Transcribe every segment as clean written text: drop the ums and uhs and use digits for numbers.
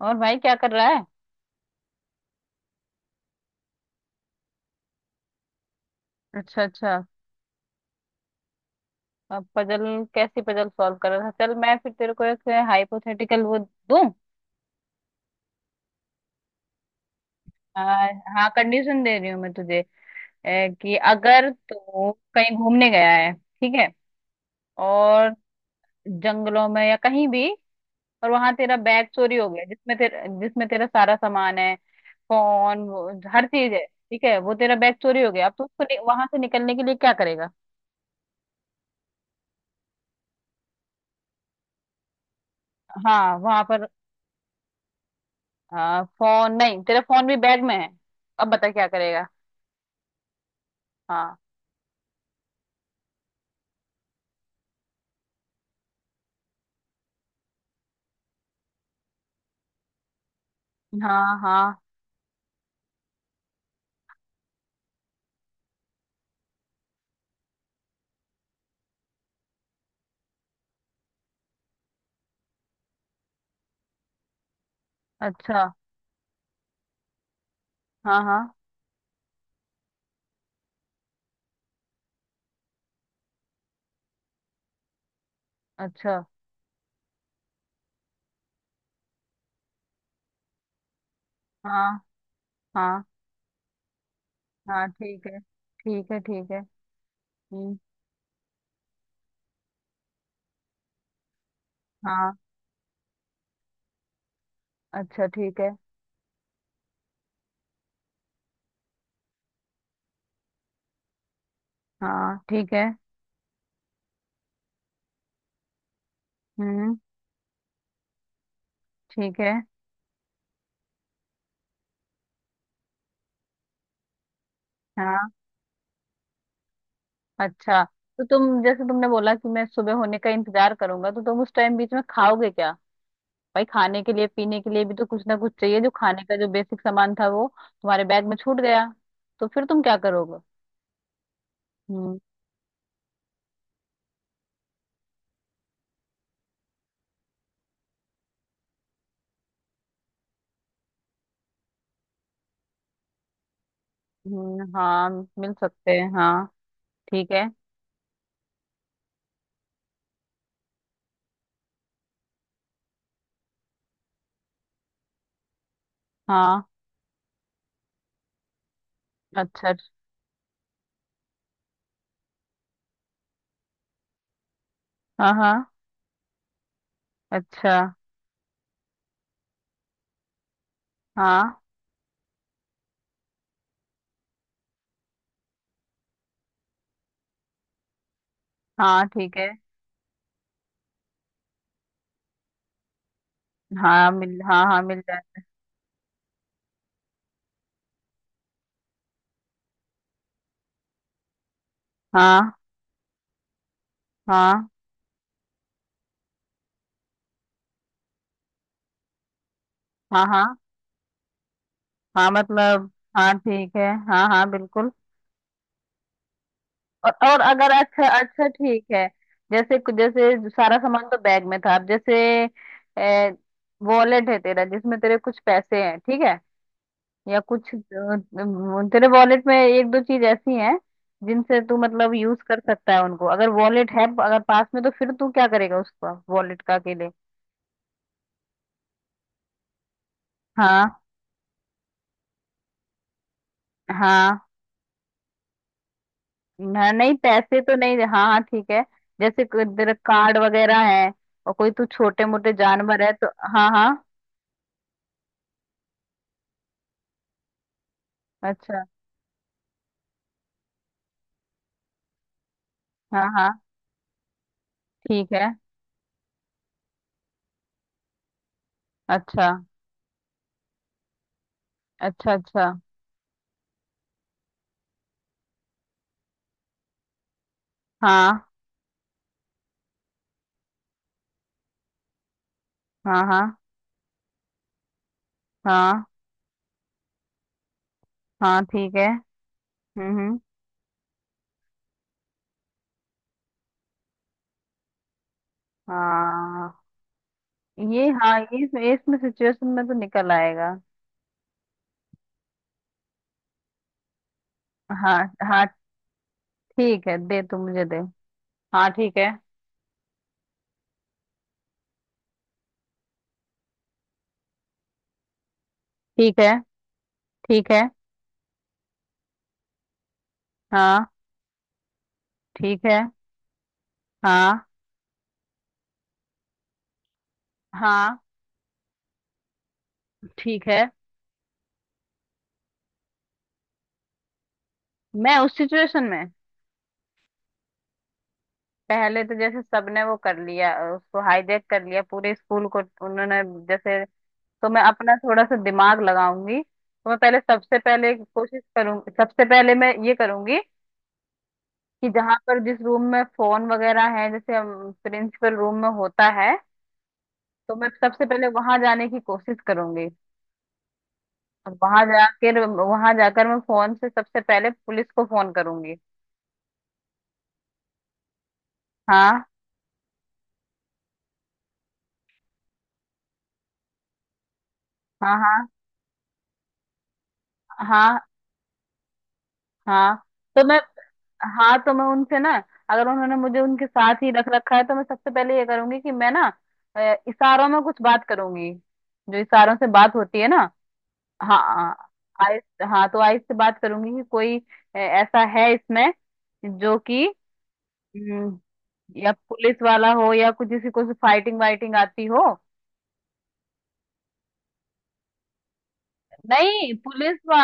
और भाई क्या कर रहा है? अच्छा, अच्छा। अब पजल। कैसी पजल सॉल्व कर रहा था? चल मैं फिर तेरे को एक हाइपोथेटिकल वो दूं। आ, हाँ, कंडीशन दे रही हूँ मैं तुझे। कि अगर तू कहीं घूमने गया है, ठीक है। और जंगलों में या कहीं भी। और वहां तेरा बैग चोरी हो गया, जिसमें तेरा सारा सामान है। फोन हर चीज है। ठीक है, वो तेरा बैग चोरी हो गया। अब तू उसको वहां से निकलने के लिए क्या करेगा? हाँ, वहां पर। हाँ, फोन नहीं, तेरा फोन भी बैग में है। अब बता, क्या करेगा? हाँ, हाँ। हाँ, अच्छा। हाँ, हाँ। अच्छा। हाँ, हाँ, हाँ। ठीक है। ठीक है, ठीक है। हम्म। हाँ। अच्छा, ठीक है। हाँ, ठीक है। हम्म। ठीक है। हाँ। अच्छा, तो तुम, जैसे तुमने बोला कि मैं सुबह होने का इंतजार करूंगा, तो तुम उस टाइम बीच में खाओगे क्या? भाई, खाने के लिए पीने के लिए भी तो कुछ ना कुछ चाहिए। जो खाने का जो बेसिक सामान था, वो तुम्हारे बैग में छूट गया। तो फिर तुम क्या करोगे? हम्म। हम्म। हाँ, मिल सकते हैं, हाँ। ठीक है। हाँ, अच्छा। हाँ, हाँ। अच्छा। हाँ, हाँ, ठीक है। हाँ मिल, हाँ हाँ मिल जाए। हाँ। हाँ, हाँ। हाँ, हाँ मतलब। हाँ, ठीक है, हाँ हाँ, बिल्कुल। और अगर, अच्छा अच्छा ठीक है। जैसे, जैसे सारा सामान तो बैग में था, अब जैसे वॉलेट है तेरा, जिसमें तेरे कुछ पैसे हैं, ठीक है। या कुछ तेरे वॉलेट में एक दो चीज ऐसी हैं जिनसे तू मतलब यूज कर सकता है उनको। अगर वॉलेट है, अगर पास में, तो फिर तू क्या करेगा उसका, वॉलेट का के लिए? हाँ। हाँ। नहीं, पैसे तो नहीं, हाँ हाँ ठीक है। जैसे कोई तेरा कार्ड वगैरह है, और कोई तू छोटे मोटे जानवर है तो। हाँ, हाँ। अच्छा। हाँ, हाँ। ठीक है। अच्छा, अच्छा। अच्छा। हाँ। हाँ। हाँ, हाँ। हाँ, ठीक है। हम्म, हम्म। हाँ। ये, हाँ, ये इसमें सिचुएशन में तो निकल आएगा। हाँ। हाँ, ठीक है, दे, तू मुझे दे। हाँ, ठीक है। ठीक है। ठीक है। हाँ। ठीक है। हाँ। हाँ। ठीक है। मैं उस सिचुएशन में, पहले तो जैसे सबने वो कर लिया, उसको हाईजैक कर लिया, पूरे स्कूल को उन्होंने, जैसे, तो मैं अपना थोड़ा सा दिमाग लगाऊंगी। तो मैं पहले, सबसे पहले कोशिश करूंगी, सबसे पहले मैं ये करूंगी कि जहां पर जिस रूम में फोन वगैरह है, जैसे प्रिंसिपल रूम में होता है, तो मैं सबसे पहले वहां जाने की कोशिश करूंगी। और वहां जाकर, वहां जाकर मैं फोन से सबसे पहले पुलिस को फोन करूंगी। हाँ, हाँ। हाँ। हाँ। हाँ। तो मैं, हाँ तो मैं उनसे ना, अगर उन्होंने मुझे उनके साथ ही रख रखा है, तो मैं सबसे पहले ये करूंगी कि मैं ना इशारों में कुछ बात करूंगी, जो इशारों से बात होती है ना। हाँ। आइस, हाँ तो आइस से बात करूंगी कि कोई ऐसा है इसमें जो कि, या पुलिस वाला हो या कुछ किसी को फाइटिंग वाइटिंग आती हो। नहीं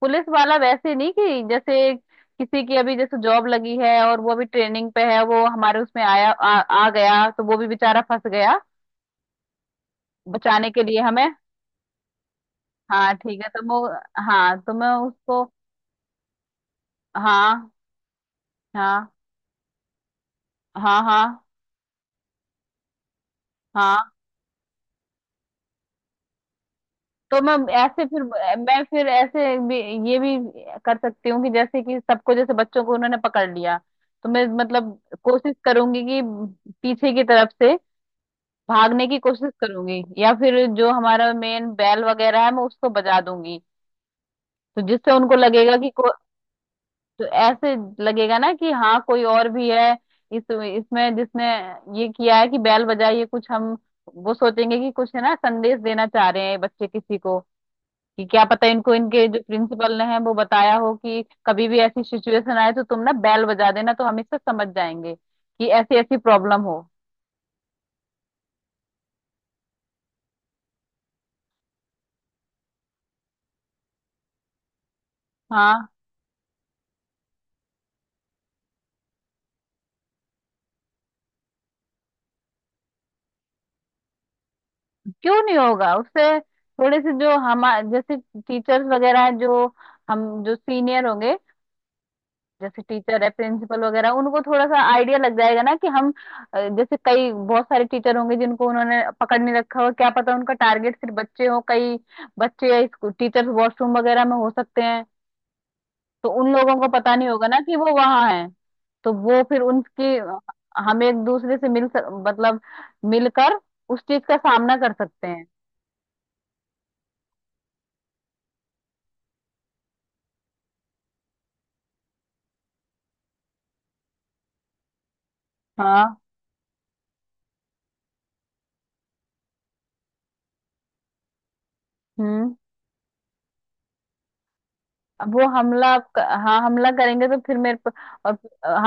पुलिस वाला, वैसे नहीं कि जैसे किसी की अभी जैसे जॉब लगी है और वो अभी ट्रेनिंग पे है, वो हमारे उसमें आ गया, तो वो भी बेचारा फंस गया। बचाने के लिए हमें। हाँ, ठीक है, तो वो, हाँ तो मैं उसको। हाँ, हाँ। हाँ, हाँ। हाँ, तो मैं ऐसे फिर, मैं फिर ऐसे भी ये भी कर सकती हूँ कि जैसे कि सबको, जैसे बच्चों को उन्होंने पकड़ लिया, तो मैं मतलब कोशिश करूंगी कि पीछे की तरफ से भागने की कोशिश करूंगी, या फिर जो हमारा मेन बैल वगैरह है, मैं उसको बजा दूंगी। तो जिससे उनको लगेगा कि तो ऐसे लगेगा ना कि हाँ कोई और भी है इस, इसमें जिसने ये किया है कि बैल बजाई। ये कुछ हम, वो सोचेंगे कि कुछ है ना, संदेश देना चाह रहे हैं बच्चे किसी को कि क्या पता इनको, इनके जो प्रिंसिपल ने है वो बताया हो कि कभी भी ऐसी सिचुएशन आए तो तुम ना बेल बजा देना, तो हम इससे समझ जाएंगे कि ऐसी ऐसी प्रॉब्लम हो। हाँ। क्यों नहीं होगा? उससे थोड़े से, जो हम, जैसे टीचर्स वगैरह हैं, जो हम जो सीनियर होंगे, जैसे टीचर है, प्रिंसिपल वगैरह, उनको थोड़ा सा आइडिया लग जाएगा ना कि हम, जैसे कई बहुत सारे टीचर होंगे जिनको उन्होंने पकड़ नहीं रखा हो। क्या पता उनका टारगेट सिर्फ बच्चे हो। कई बच्चे, टीचर्स वॉशरूम वगैरह में हो सकते हैं, तो उन लोगों को पता नहीं होगा ना कि वो वहां है। तो वो फिर उनके, हम एक दूसरे से मतलब मिलकर उस चीज का सामना कर सकते हैं। हाँ। हम्म। अब वो हाँ, हमला करेंगे तो फिर और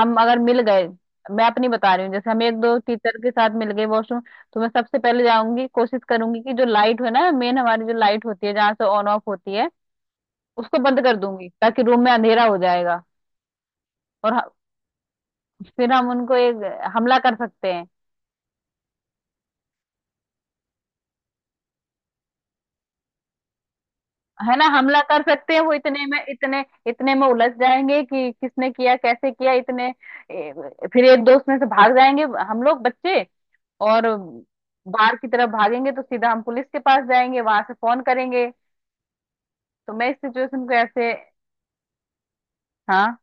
हम अगर मिल गए, मैं अपनी बता रही हूँ, जैसे हम एक दो टीचर के साथ मिल गए वॉशरूम, तो मैं सबसे पहले जाऊंगी, कोशिश करूंगी कि जो लाइट है ना, मेन हमारी जो लाइट होती है, जहाँ से ऑन ऑफ होती है, उसको बंद कर दूंगी, ताकि रूम में अंधेरा हो जाएगा। और फिर हम उनको एक हमला कर सकते हैं। है ना, हमला कर सकते हैं। वो इतने में, इतने इतने में उलझ जाएंगे कि किसने किया, कैसे किया, इतने ए, फिर एक दोस्त में से भाग जाएंगे, हम लोग बच्चे, और बाहर की तरफ भागेंगे, तो सीधा हम पुलिस के पास जाएंगे, वहां से फोन करेंगे। तो मैं इस सिचुएशन को ऐसे। हाँ।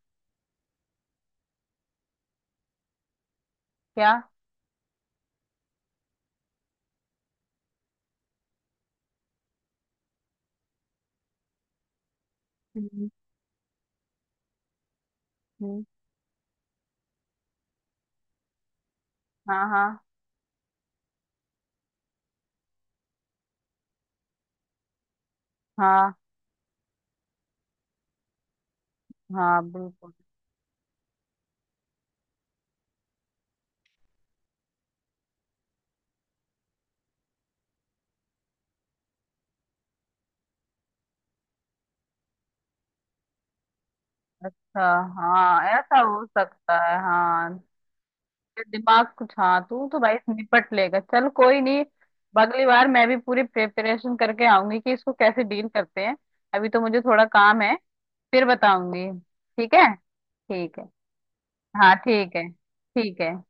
क्या? हम्म। हम्म। हाँ, हाँ। हाँ, हाँ, बिल्कुल। अच्छा। हाँ, ऐसा हो सकता है, हाँ। दिमाग कुछ, हाँ, तू तो भाई निपट लेगा, चल कोई नहीं। अगली बार मैं भी पूरी प्रिपरेशन करके आऊंगी कि इसको कैसे डील करते हैं। अभी तो मुझे थोड़ा काम है, फिर बताऊंगी। ठीक है। ठीक है। हाँ, ठीक है। ठीक है।